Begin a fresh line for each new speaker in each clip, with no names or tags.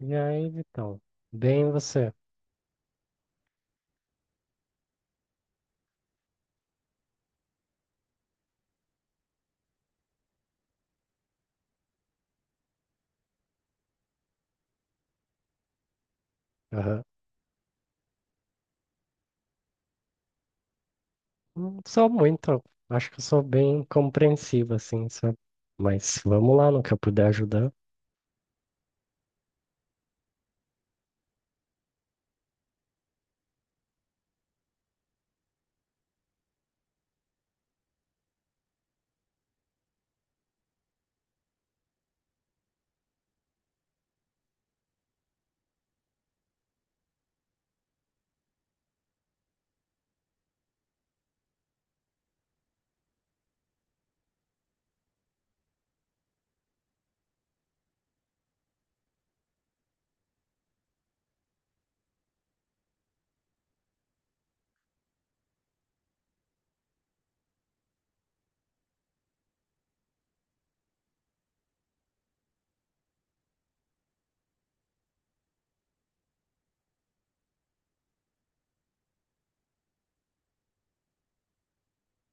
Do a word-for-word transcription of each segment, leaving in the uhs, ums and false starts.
E aí, Vitão? Bem você? Aham. Não sou muito. Acho que eu sou bem compreensivo, assim, sabe? Mas vamos lá, no que eu puder ajudar.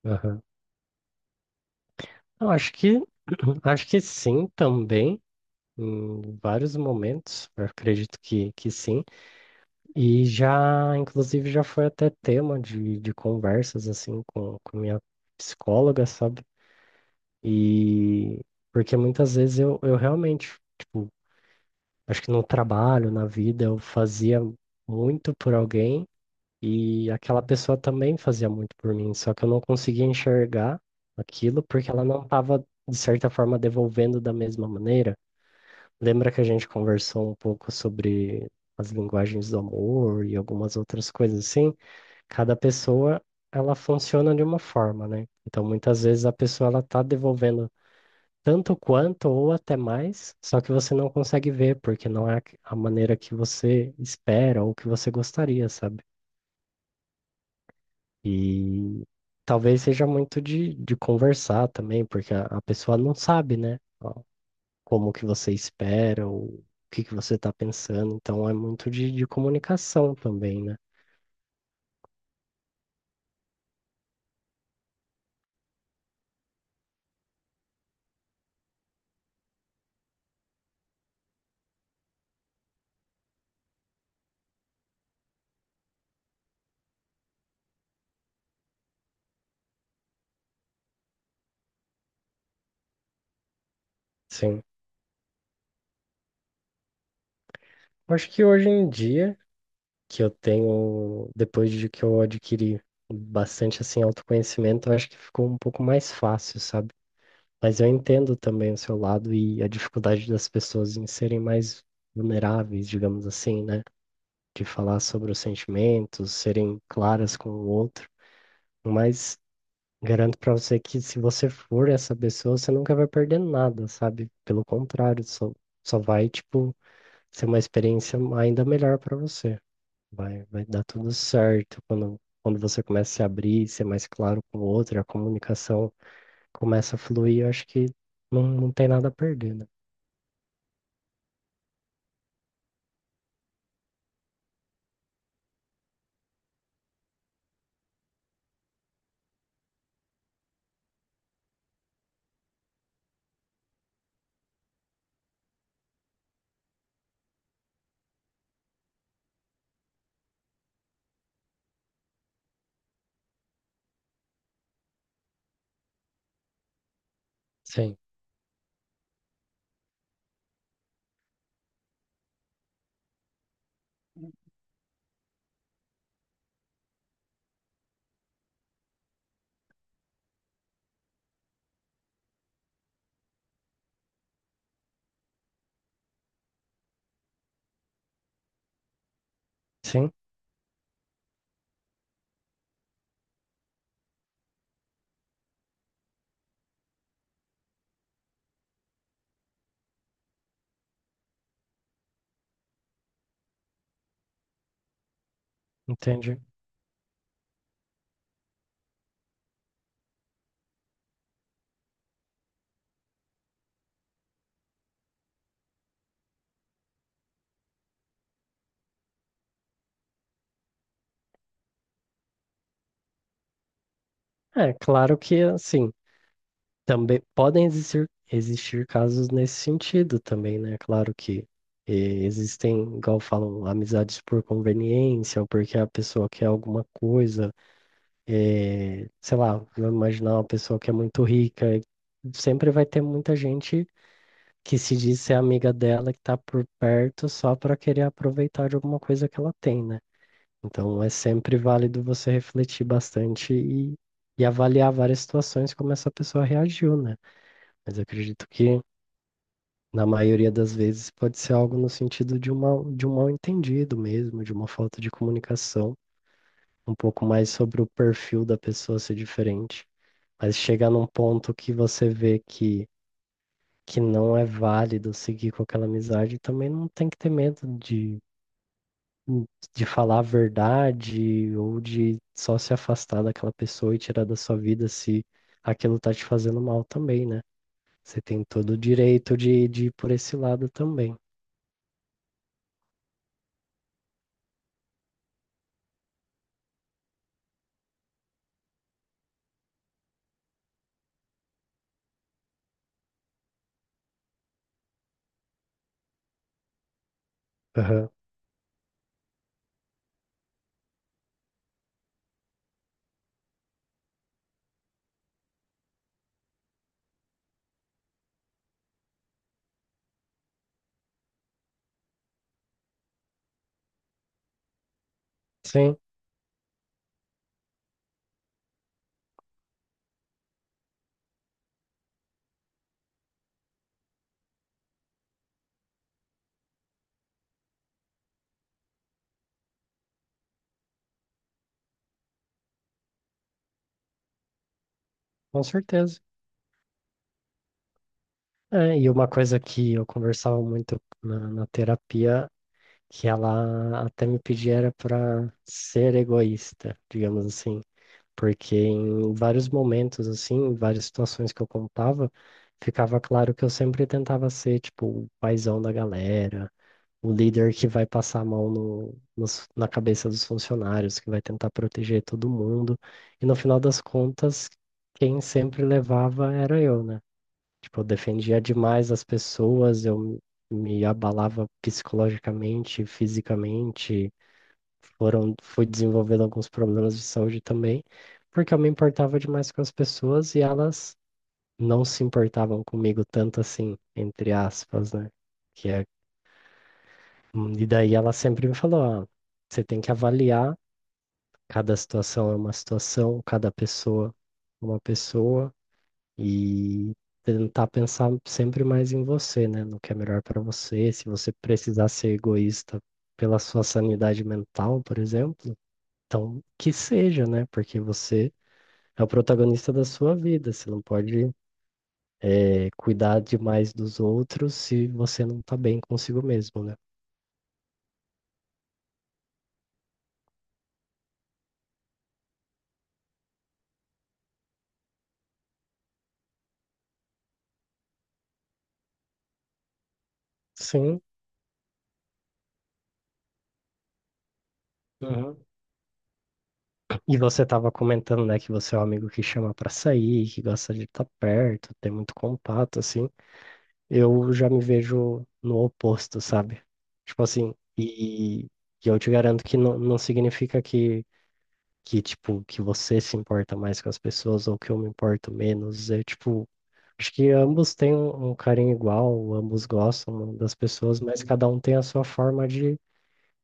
Aham. Eu acho que, acho que sim também, em vários momentos. Eu acredito que, que sim. E já, inclusive, já foi até tema de, de conversas, assim, com, com minha psicóloga, sabe? E porque muitas vezes eu, eu realmente. Tipo, acho que no trabalho, na vida, eu fazia muito por alguém e aquela pessoa também fazia muito por mim, só que eu não conseguia enxergar aquilo porque ela não estava, de certa forma, devolvendo da mesma maneira. Lembra que a gente conversou um pouco sobre as linguagens do amor e algumas outras coisas assim? Cada pessoa, ela funciona de uma forma, né? Então, muitas vezes a pessoa ela está devolvendo tanto quanto ou até mais, só que você não consegue ver, porque não é a maneira que você espera ou que você gostaria, sabe? E talvez seja muito de, de conversar também, porque a, a pessoa não sabe, né? Ó, como que você espera ou o que que você está pensando. Então é muito de, de comunicação também, né? Sim. Acho que hoje em dia, que eu tenho, depois de que eu adquiri bastante assim autoconhecimento, eu acho que ficou um pouco mais fácil, sabe? Mas eu entendo também o seu lado e a dificuldade das pessoas em serem mais vulneráveis, digamos assim, né? De falar sobre os sentimentos, serem claras com o outro. Mas garanto pra você que se você for essa pessoa, você nunca vai perder nada, sabe? Pelo contrário, só, só vai, tipo, ser uma experiência ainda melhor pra você. Vai, vai dar tudo certo quando, quando você começa a se abrir, ser mais claro com o outro, a comunicação começa a fluir, eu acho que não, não tem nada a perder, né? Sim, sim, entendi. É claro que assim, também podem existir, existir casos nesse sentido também, né? Claro que eh, existem, igual falam, amizades por conveniência, ou porque a pessoa quer alguma coisa, eh, sei lá, vou imaginar uma pessoa que é muito rica, e sempre vai ter muita gente que se diz ser amiga dela, que tá por perto só para querer aproveitar de alguma coisa que ela tem, né? Então é sempre válido você refletir bastante e, e avaliar várias situações como essa pessoa reagiu, né? Mas eu acredito que na maioria das vezes pode ser algo no sentido de um mal, de um mal-entendido mesmo, de uma falta de comunicação, um pouco mais sobre o perfil da pessoa ser diferente. Mas chegar num ponto que você vê que, que não é válido seguir com aquela amizade, também não tem que ter medo de hum, de falar a verdade ou de só se afastar daquela pessoa e tirar da sua vida se aquilo tá te fazendo mal também, né? Você tem todo o direito de, de ir por esse lado também. Aham. Sim, com certeza. É, e uma coisa que eu conversava muito na, na terapia, que ela até me pedia era para ser egoísta, digamos assim. Porque em vários momentos, assim, em várias situações que eu contava, ficava claro que eu sempre tentava ser, tipo, o paizão da galera, o líder que vai passar a mão no, nos- na cabeça dos funcionários, que vai tentar proteger todo mundo. E no final das contas, quem sempre levava era eu, né? Tipo, eu defendia demais as pessoas, eu me abalava psicologicamente, fisicamente, foram, fui desenvolvendo alguns problemas de saúde também, porque eu me importava demais com as pessoas e elas não se importavam comigo tanto assim, entre aspas, né? Que é, e daí ela sempre me falou, ah, você tem que avaliar, cada situação é uma situação, cada pessoa é uma pessoa, e tentar pensar sempre mais em você, né? No que é melhor para você, se você precisar ser egoísta pela sua sanidade mental, por exemplo, então, que seja, né? Porque você é o protagonista da sua vida. Você não pode, eh, cuidar demais dos outros se você não tá bem consigo mesmo, né? Sim. Uhum. E você tava comentando, né, que você é um amigo que chama pra sair, que gosta de estar perto, ter muito contato, assim. Eu já me vejo no oposto, sabe? Tipo assim, e, e eu te garanto que não, não significa que, que, tipo, que você se importa mais com as pessoas ou que eu me importo menos. É, tipo, acho que ambos têm um, um carinho igual, ambos gostam das pessoas, mas cada um tem a sua forma de,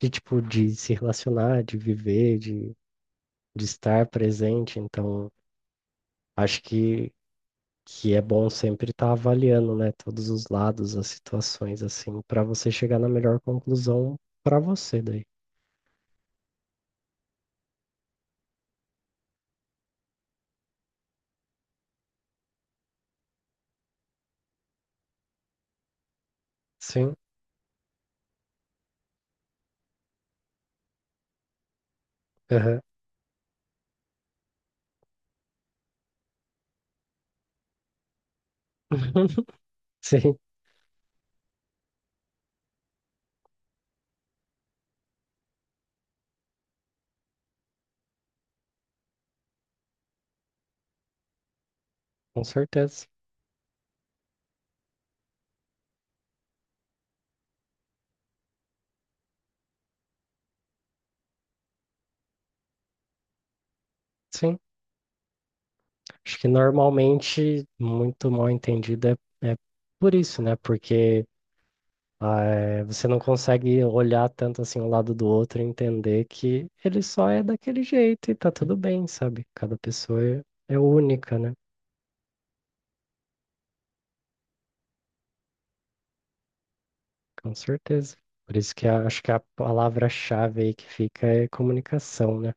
de tipo, de se relacionar, de viver, de, de estar presente. Então, acho que, que é bom sempre estar avaliando, né, todos os lados, as situações, assim, para você chegar na melhor conclusão para você daí. Sim, aham. Sim, com certeza. Sim, acho que normalmente muito mal entendido é, é por isso, né? Porque ah, é, você não consegue olhar tanto assim um lado do outro e entender que ele só é daquele jeito e tá tudo bem, sabe? Cada pessoa é, é única, né? Com certeza. Por isso que a- acho que a palavra-chave aí que fica é comunicação, né?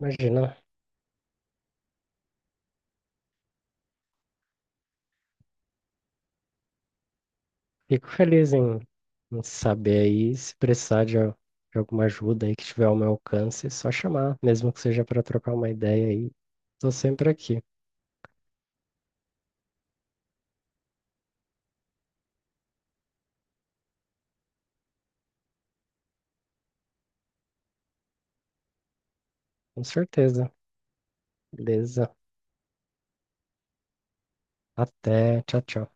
Imagina, fico feliz em, em saber aí, se precisar de, al- de alguma ajuda aí que tiver ao meu alcance, é só chamar, mesmo que seja para trocar uma ideia aí. Tô sempre aqui, com certeza. Beleza. Até, tchau, tchau.